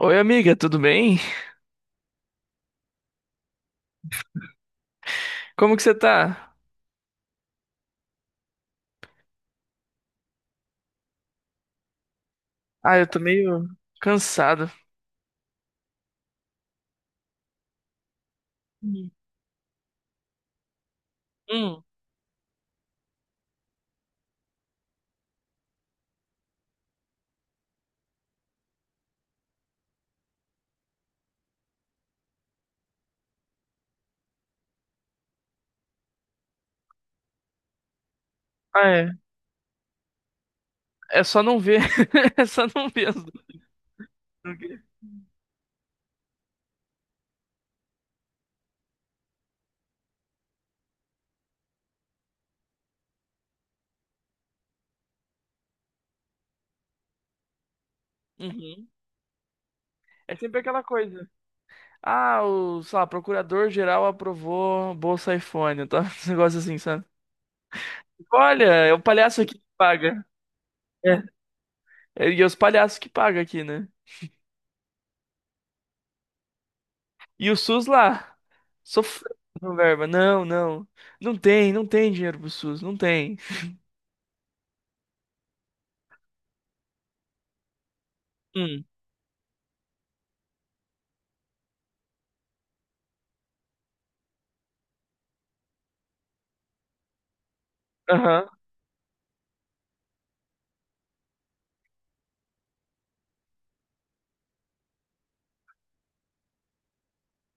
Oi, amiga, tudo bem? Como que você tá? Ah, eu tô meio cansado. Ah, é. É só não ver. É só não ver as duas. Porque- Uhum. É sempre aquela coisa. Ah, o, sei lá, procurador-geral aprovou Bolsa iPhone, tá? Esse negócio assim, sabe? Olha, é o palhaço aqui que paga. É. É, e é os palhaços que pagam aqui, né? E o SUS lá, sofrendo com verba. Não, não. Não tem, não tem dinheiro pro SUS, não tem. Hum. Aham.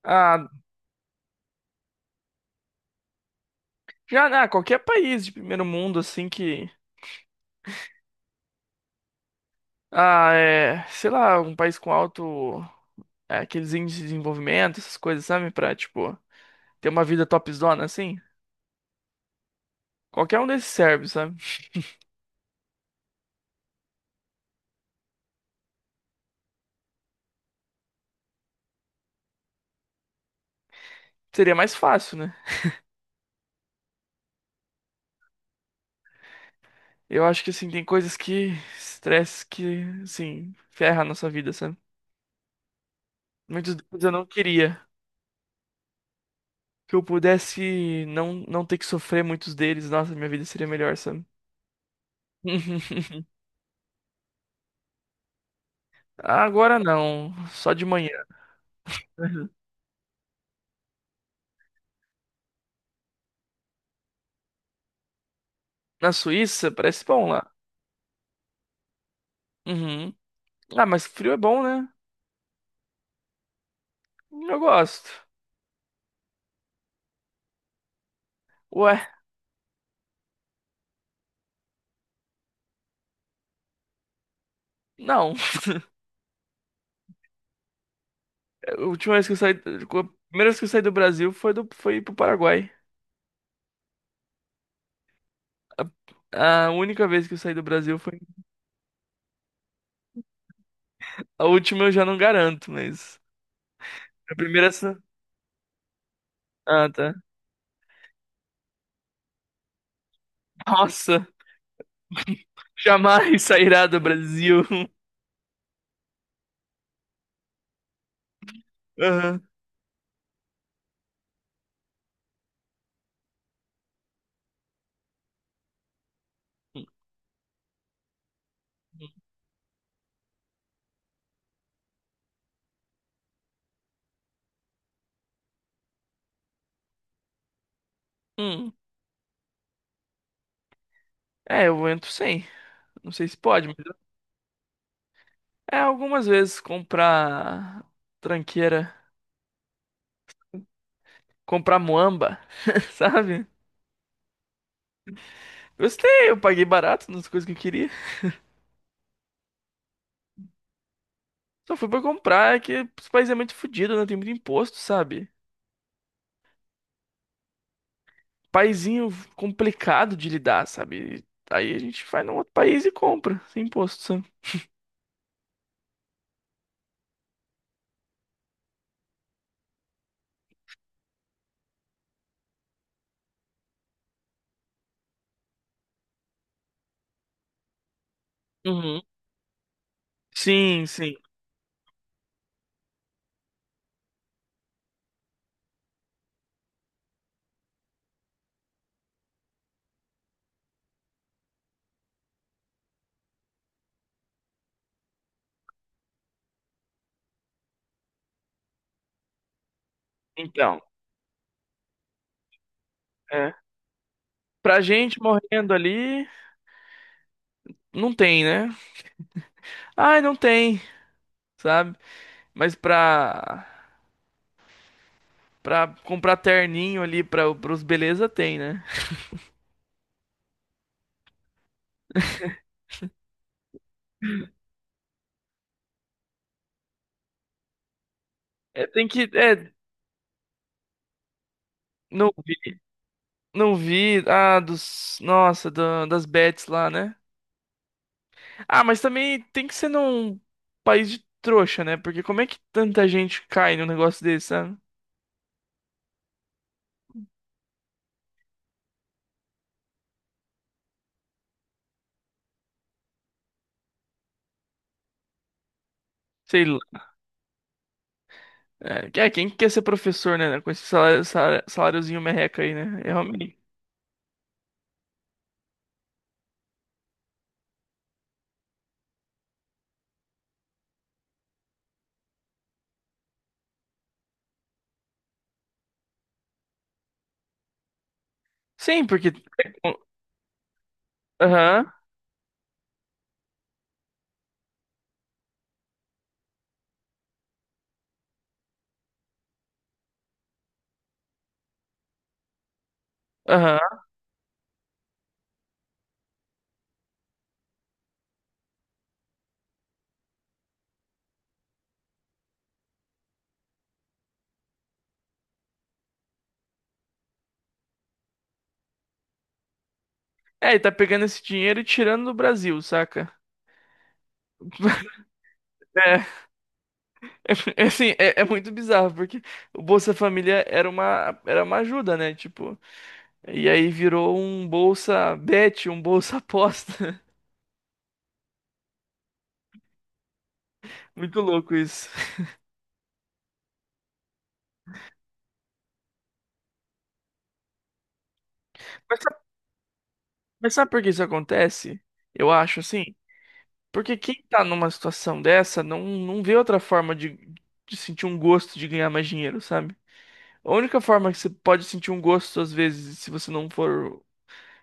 Ah, já, né, qualquer país de primeiro mundo, assim, que... Ah, é... Sei lá, um país com alto... é, aqueles índices de desenvolvimento, essas coisas, sabe? Pra, tipo, ter uma vida topzona, assim. Qualquer um desses serve, sabe? Seria mais fácil, né? Eu acho que, assim, tem coisas que... Estresse que, assim, ferra a nossa vida, sabe? Muitos deles eu não queria. Que eu pudesse não, não ter que sofrer muitos deles. Nossa, minha vida seria melhor, sabe? Agora não. Só de manhã. Na Suíça, parece bom lá. Uhum. Ah, mas frio é bom, né? Eu gosto. Ué, não. A última vez que eu saí. A primeira vez que eu saí do Brasil foi, do, foi pro Paraguai. A única vez que eu saí do Brasil foi. A última eu já não garanto, mas. A primeira. É essa- Ah, tá. Nossa, jamais sairá do Brasil. Aham. Hum. É, eu entro sem. Não sei se pode, mas. É, algumas vezes comprar tranqueira. Comprar muamba, sabe? Gostei, eu paguei barato nas coisas que eu queria. Só fui pra comprar, é que os países é muito fodido, não tem muito imposto, sabe? Paizinho complicado de lidar, sabe? Aí a gente vai num outro país e compra, sem imposto, sabe? Uhum. Sim, sim. Então, é. Pra gente morrendo ali, não tem, né? Ai, não tem, sabe? Mas pra, pra comprar terninho ali pra, pros beleza, tem, né? É, tem que. É, não. Não vi. Ah, dos. Nossa, da- das bets lá, né? Ah, mas também tem que ser num país de trouxa, né? Porque como é que tanta gente cai num negócio desse, sabe? Sei lá. É, que- é, quem quer ser professor, né? Né, com esse salário, salário- saláriozinho merreca aí, né? É realmente. Sim, porque. Aham, aham. É, e tá pegando esse dinheiro e tirando do Brasil, saca? É, assim, é, é muito bizarro, porque o Bolsa Família era uma ajuda, né? Tipo. E aí virou um bolsa bet, um bolsa aposta. Muito louco isso. Mas sabe, mas sabe por que isso acontece? Eu acho assim, porque quem tá numa situação dessa não, não vê outra forma de sentir um gosto de ganhar mais dinheiro, sabe? A única forma que você pode sentir um gosto, às vezes, se você não for.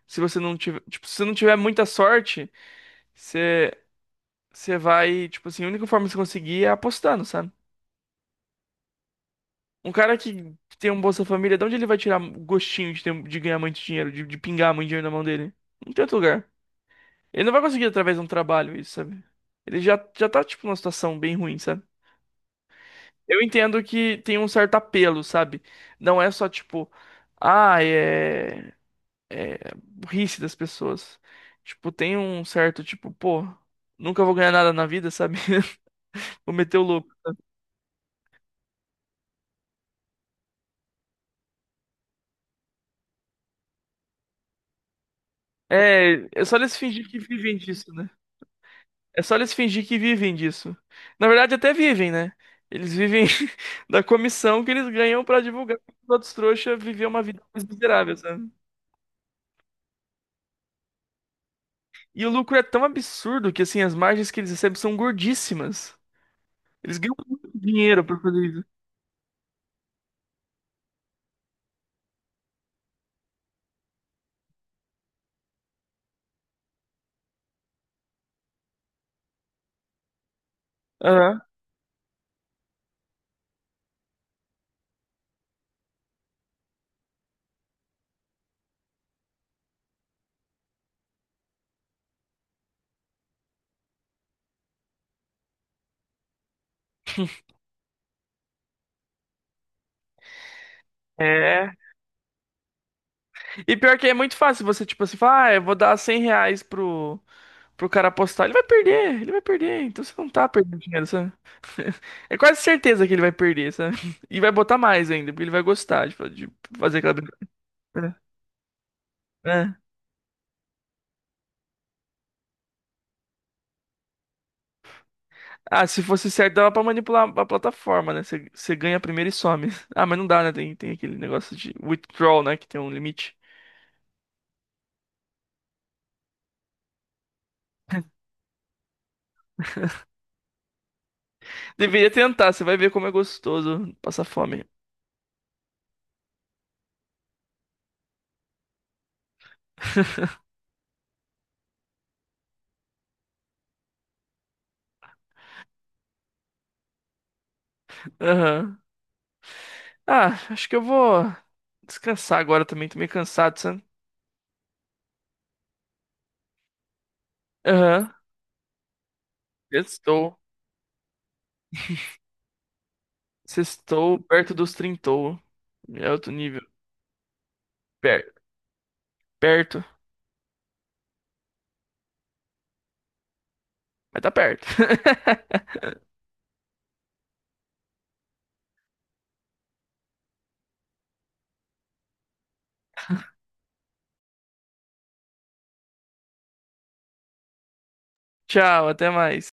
Se você não tiver. Tipo, se você não tiver muita sorte, você, você vai. Tipo assim, a única forma de você conseguir é apostando, sabe? Um cara que tem um Bolsa Família, de onde ele vai tirar gostinho de, ter- de ganhar muito dinheiro, de pingar muito dinheiro na mão dele? Não tem outro lugar. Ele não vai conseguir através de um trabalho isso, sabe? Ele já, já tá, tipo, numa situação bem ruim, sabe? Eu entendo que tem um certo apelo, sabe? Não é só, tipo, ah, é burrice das pessoas. Tipo, tem um certo, tipo, pô, nunca vou ganhar nada na vida, sabe? Vou meter o louco. É, é só eles fingir que vivem disso, né? É só eles fingir que vivem disso. Na verdade, até vivem, né? Eles vivem da comissão que eles ganham pra divulgar que os outros trouxas viver uma vida mais miserável, sabe? E o lucro é tão absurdo que, assim, as margens que eles recebem são gordíssimas. Eles ganham muito dinheiro pra fazer isso. Aham. É. E pior que é muito fácil você, tipo assim, falar, ah, eu vou dar R$ 100 pro, pro cara apostar. Ele vai perder, ele vai perder. Então você não tá perdendo dinheiro, sabe? É quase certeza que ele vai perder, sabe? E vai botar mais ainda, porque ele vai gostar de fa- de fazer aquela É. É. Ah, se fosse certo, dava pra manipular a plataforma, né? Você ganha primeiro e some. Ah, mas não dá, né? Tem, tem aquele negócio de withdrawal, né? Que tem um limite. Deveria tentar, você vai ver como é gostoso passar fome. Aham. Ah, acho que eu vou descansar agora também. Tô meio cansado, sabe? Aham. Sextou. Sextou perto dos trintou. É outro nível. Per- Perto. Mas tá perto. Tchau, até mais.